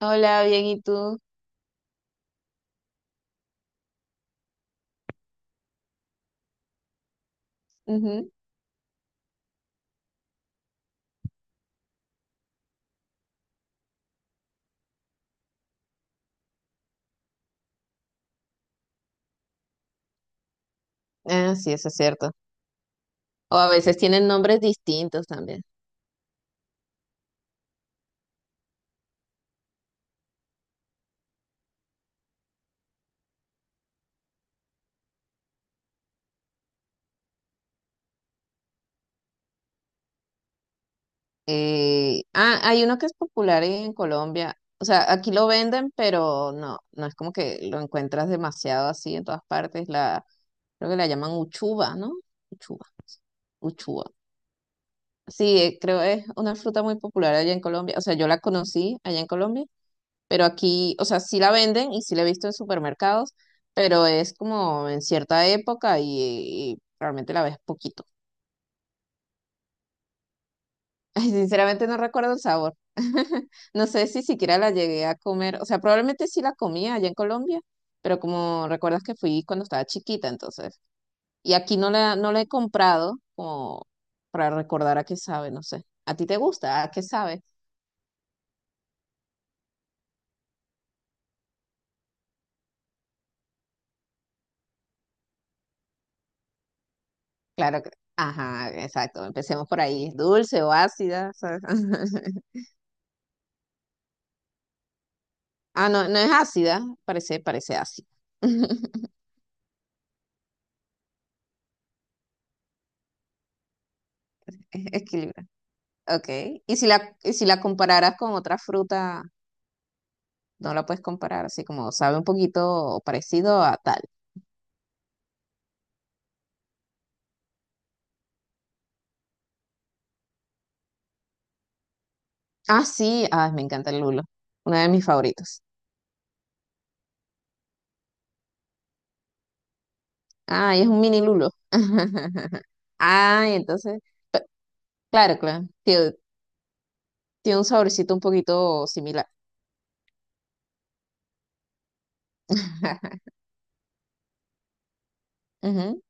Hola, bien, ¿y tú? Ujú. Ah, sí, eso es cierto. O a veces tienen nombres distintos también. Hay uno que es popular en Colombia. O sea, aquí lo venden, pero no es como que lo encuentras demasiado así en todas partes. Creo que la llaman uchuva, ¿no? Uchuva, uchuva. Sí, creo es una fruta muy popular allá en Colombia. O sea, yo la conocí allá en Colombia, pero aquí, o sea, sí la venden y sí la he visto en supermercados, pero es como en cierta época y realmente la ves poquito. Ay, sinceramente no recuerdo el sabor. No sé si siquiera la llegué a comer, o sea, probablemente sí la comía allá en Colombia, pero como recuerdas que fui cuando estaba chiquita, entonces, y aquí no la he comprado como para recordar a qué sabe, no sé. ¿A ti te gusta? ¿A qué sabe? Claro que, ajá, exacto, empecemos por ahí. ¿Es dulce o ácida? ¿Sabes? Ah, no, no es ácida, parece ácida. Es equilibrada. Ok. Y si la compararas con otra fruta, no la puedes comparar, así como sabe un poquito parecido a tal. Ah, sí, ay, me encanta el lulo. Uno de mis favoritos. Ay, es un mini lulo. Ay, entonces, pe- claro, claro. Tiene un saborcito un poquito similar. Ujú.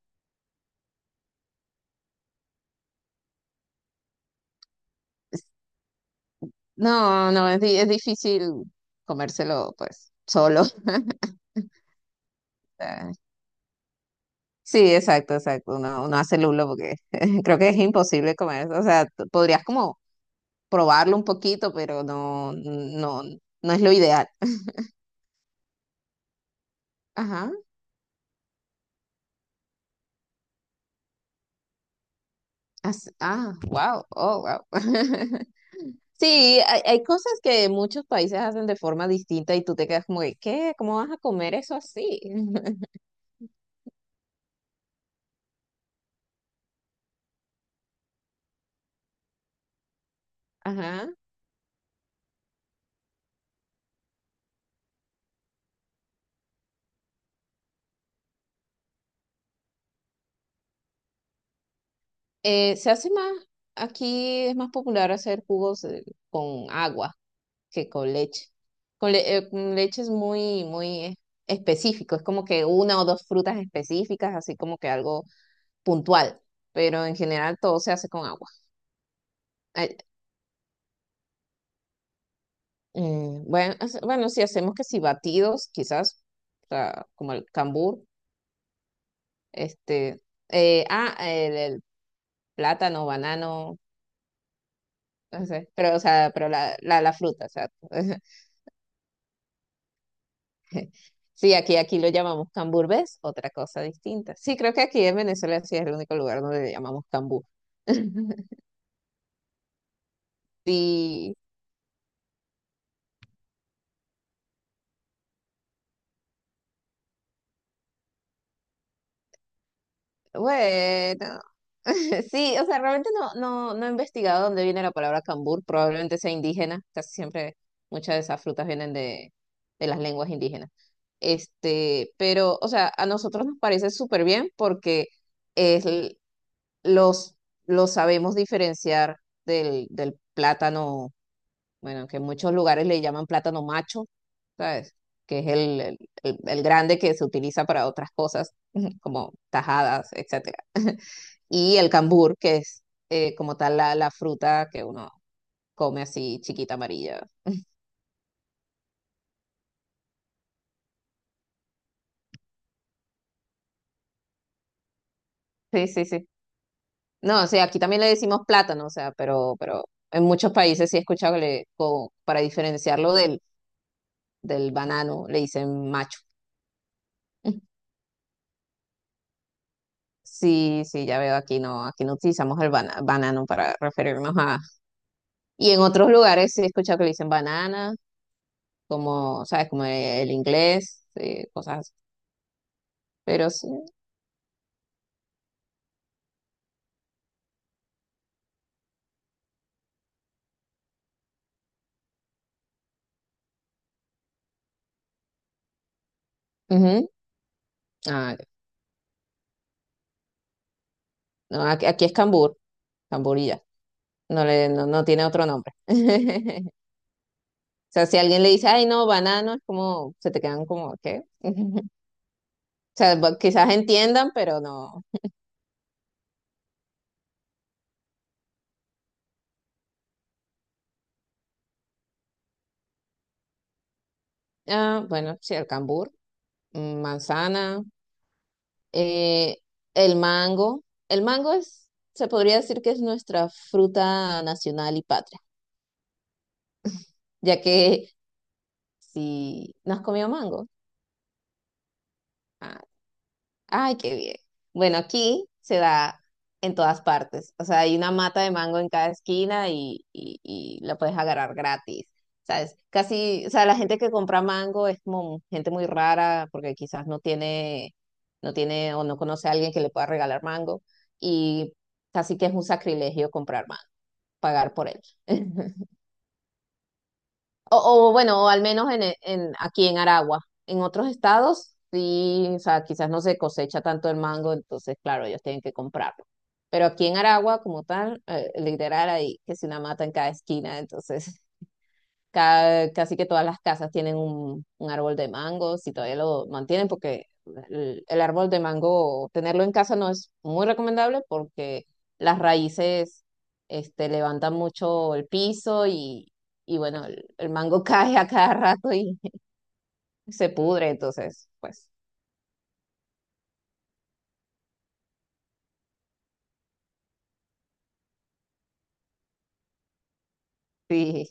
No, no, es difícil comérselo, pues, solo. Sí, exacto, exacto. Uno hace lulo porque creo que es imposible comer. O sea, podrías como probarlo un poquito, pero no, no, no es lo ideal. Ajá. Wow, oh, wow. Sí, hay cosas que muchos países hacen de forma distinta y tú te quedas como que, ¿qué? ¿Cómo vas a comer eso así? Ajá. Eh, se hace más, Aquí es más popular hacer jugos con agua. Que con leche. Con leche es muy específico, es como que una o dos frutas específicas, así como que algo puntual, pero en general todo se hace con agua. Ay, mm, bueno, si hacemos que si batidos, quizás, o sea, como el cambur, este, el plátano, banano, no sé, pero, o sea, pero la fruta, o sea, Sí, aquí lo llamamos camburbés, otra cosa distinta. Sí, creo que aquí en Venezuela sí es el único lugar donde le llamamos cambur. Sí, bueno. Sí, o sea, realmente no he investigado dónde viene la palabra cambur, probablemente sea indígena, casi siempre muchas de esas frutas vienen de las lenguas indígenas. Este, pero, o sea, a nosotros nos parece súper bien porque es, l- los, los sabemos diferenciar del plátano, bueno, que en muchos lugares le llaman plátano macho, ¿sabes? Que es el grande que se utiliza para otras cosas, como tajadas, etcétera. Y el cambur, que es como tal la fruta que uno come así chiquita amarilla. Sí, sí, sí. No, o sea, aquí también le decimos plátano, o sea, pero en muchos países sí he escuchado que para diferenciarlo del banano le dicen macho. Sí, sí, ya veo, aquí no utilizamos el banano para referirnos a, y en otros lugares sí he escuchado que le dicen banana, como, ¿sabes? Como el inglés, cosas así. Pero sí. Ujú. Ah, ya. No, aquí es cambur, camburilla. No le, no, No tiene otro nombre. O sea, si alguien le dice, ay, no, banano, es como, se te quedan como, ¿qué? O sea, quizás entiendan, pero no. Ah, bueno, sí, el cambur, mm, manzana, eh, el mango. El mango es, se podría decir que es nuestra fruta nacional y patria ya que sí, ¿no has comido mango? Ah, ay, qué bien. Bueno, aquí se da en todas partes. O sea, hay una mata de mango en cada esquina y la puedes agarrar gratis. ¿Sabes? Casi, o sea, la gente que compra mango es como gente muy rara porque quizás no tiene, no tiene o no conoce a alguien que le pueda regalar mango y casi que es un sacrilegio comprar mango, pagar por él. O, o bueno, o al menos aquí en Aragua. En otros estados, sí, o sea, quizás no se cosecha tanto el mango, entonces, claro, ellos tienen que comprarlo. Pero aquí en Aragua, como tal, literal, hay que si una mata en cada esquina, entonces casi que todas las casas tienen un árbol de mango, si todavía lo mantienen, porque el árbol de mango, tenerlo en casa no es muy recomendable porque las raíces este, levantan mucho el piso y bueno, el mango cae a cada rato y se pudre, entonces, pues sí,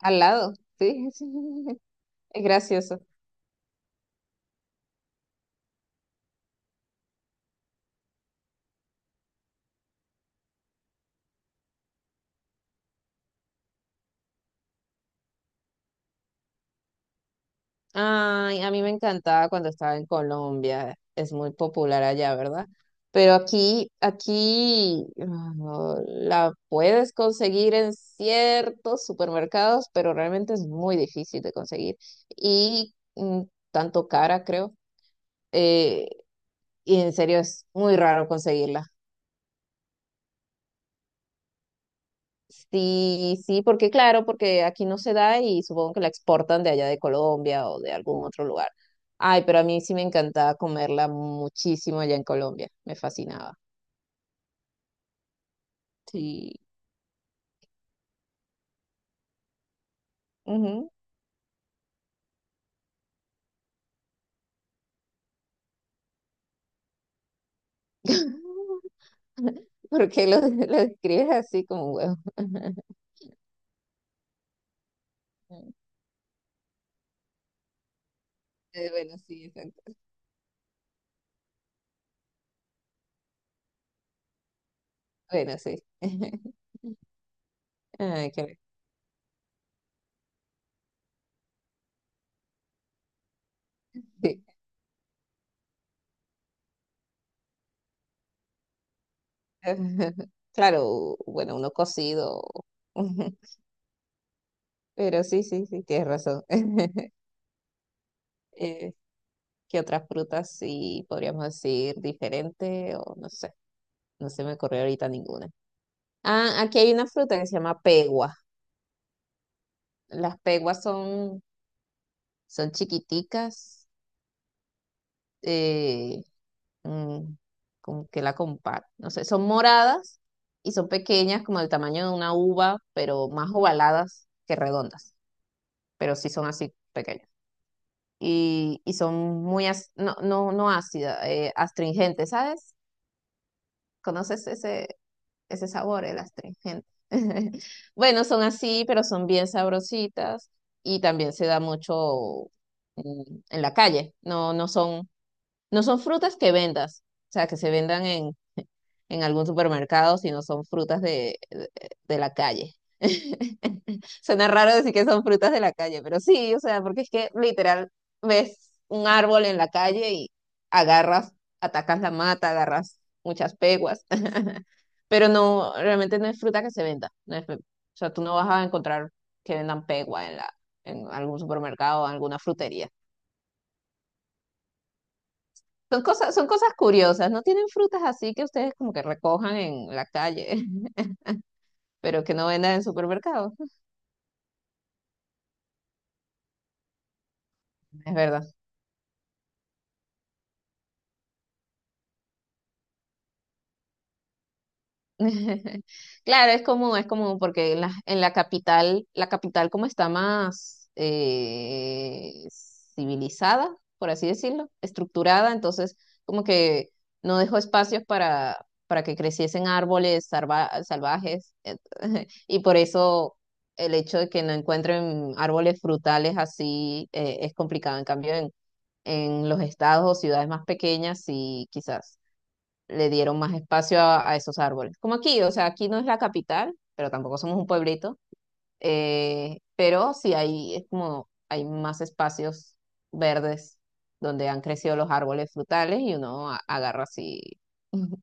al lado, sí, es gracioso. Ay, a mí me encantaba cuando estaba en Colombia, es muy popular allá, ¿verdad? Pero aquí ah, la puedes conseguir en ciertos supermercados, pero realmente es muy difícil de conseguir y mm, tanto cara, creo. eh, y en serio es muy raro conseguirla. Sí, sí, porque claro, porque aquí no se da y supongo que la exportan de allá de Colombia o de algún otro lugar. Ay, pero a mí sí me encantaba comerla muchísimo allá en Colombia, me fascinaba. Sí. Ujú. ¿Por qué lo describes así como un huevo? Bueno, sí, exacto. Bueno, sí. Ay, qué- bueno, sí. Claro, bueno, uno cocido, pero sí, sí, sí, tienes razón. Eh, ¿qué otras frutas sí podríamos decir diferente? O no sé, no se me ocurrió ahorita ninguna. Ah, aquí hay una fruta que se llama pegua. Las peguas son, son chiquiticas, eh, mm, como que la comparo, no sé, son moradas y son pequeñas como el tamaño de una uva, pero más ovaladas que redondas, pero sí son así pequeñas. Y son no, no, no ácidas, astringentes, ¿sabes? ¿Conoces ese sabor, el astringente? Bueno, son así, pero son bien sabrositas y también se da mucho mm, en la calle. No, no son frutas que vendas, o sea, que se vendan en algún supermercado, sino son frutas de la calle. Suena raro decir que son frutas de la calle, pero sí, o sea, porque es que literal ves un árbol en la calle y agarras, atacas la mata, agarras muchas peguas, pero no, realmente no es fruta que se venda. No es- O sea, tú no vas a encontrar que vendan pegua en algún supermercado o alguna frutería. Son cosas curiosas, no tienen frutas así que ustedes como que recojan en la calle, pero que no vendan en supermercados. Es verdad. Claro, es común, porque en la capital como está más civilizada, por así decirlo, estructurada, entonces como que no dejó espacios para que creciesen árboles salvajes, y por eso el hecho de que no encuentren árboles frutales así es complicado. En cambio, en los estados o ciudades más pequeñas, sí, quizás le dieron más espacio a esos árboles. Como aquí, o sea, aquí no es la capital, pero tampoco somos un pueblito, pero sí hay, es como, hay más espacios verdes donde han crecido los árboles frutales y uno agarra así.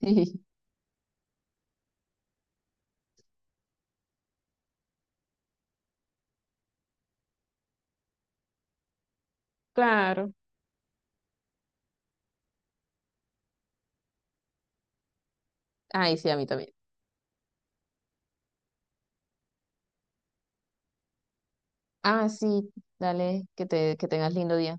Sí, claro. Ay, sí, a mí también. Ah, sí, dale, que que tengas lindo día.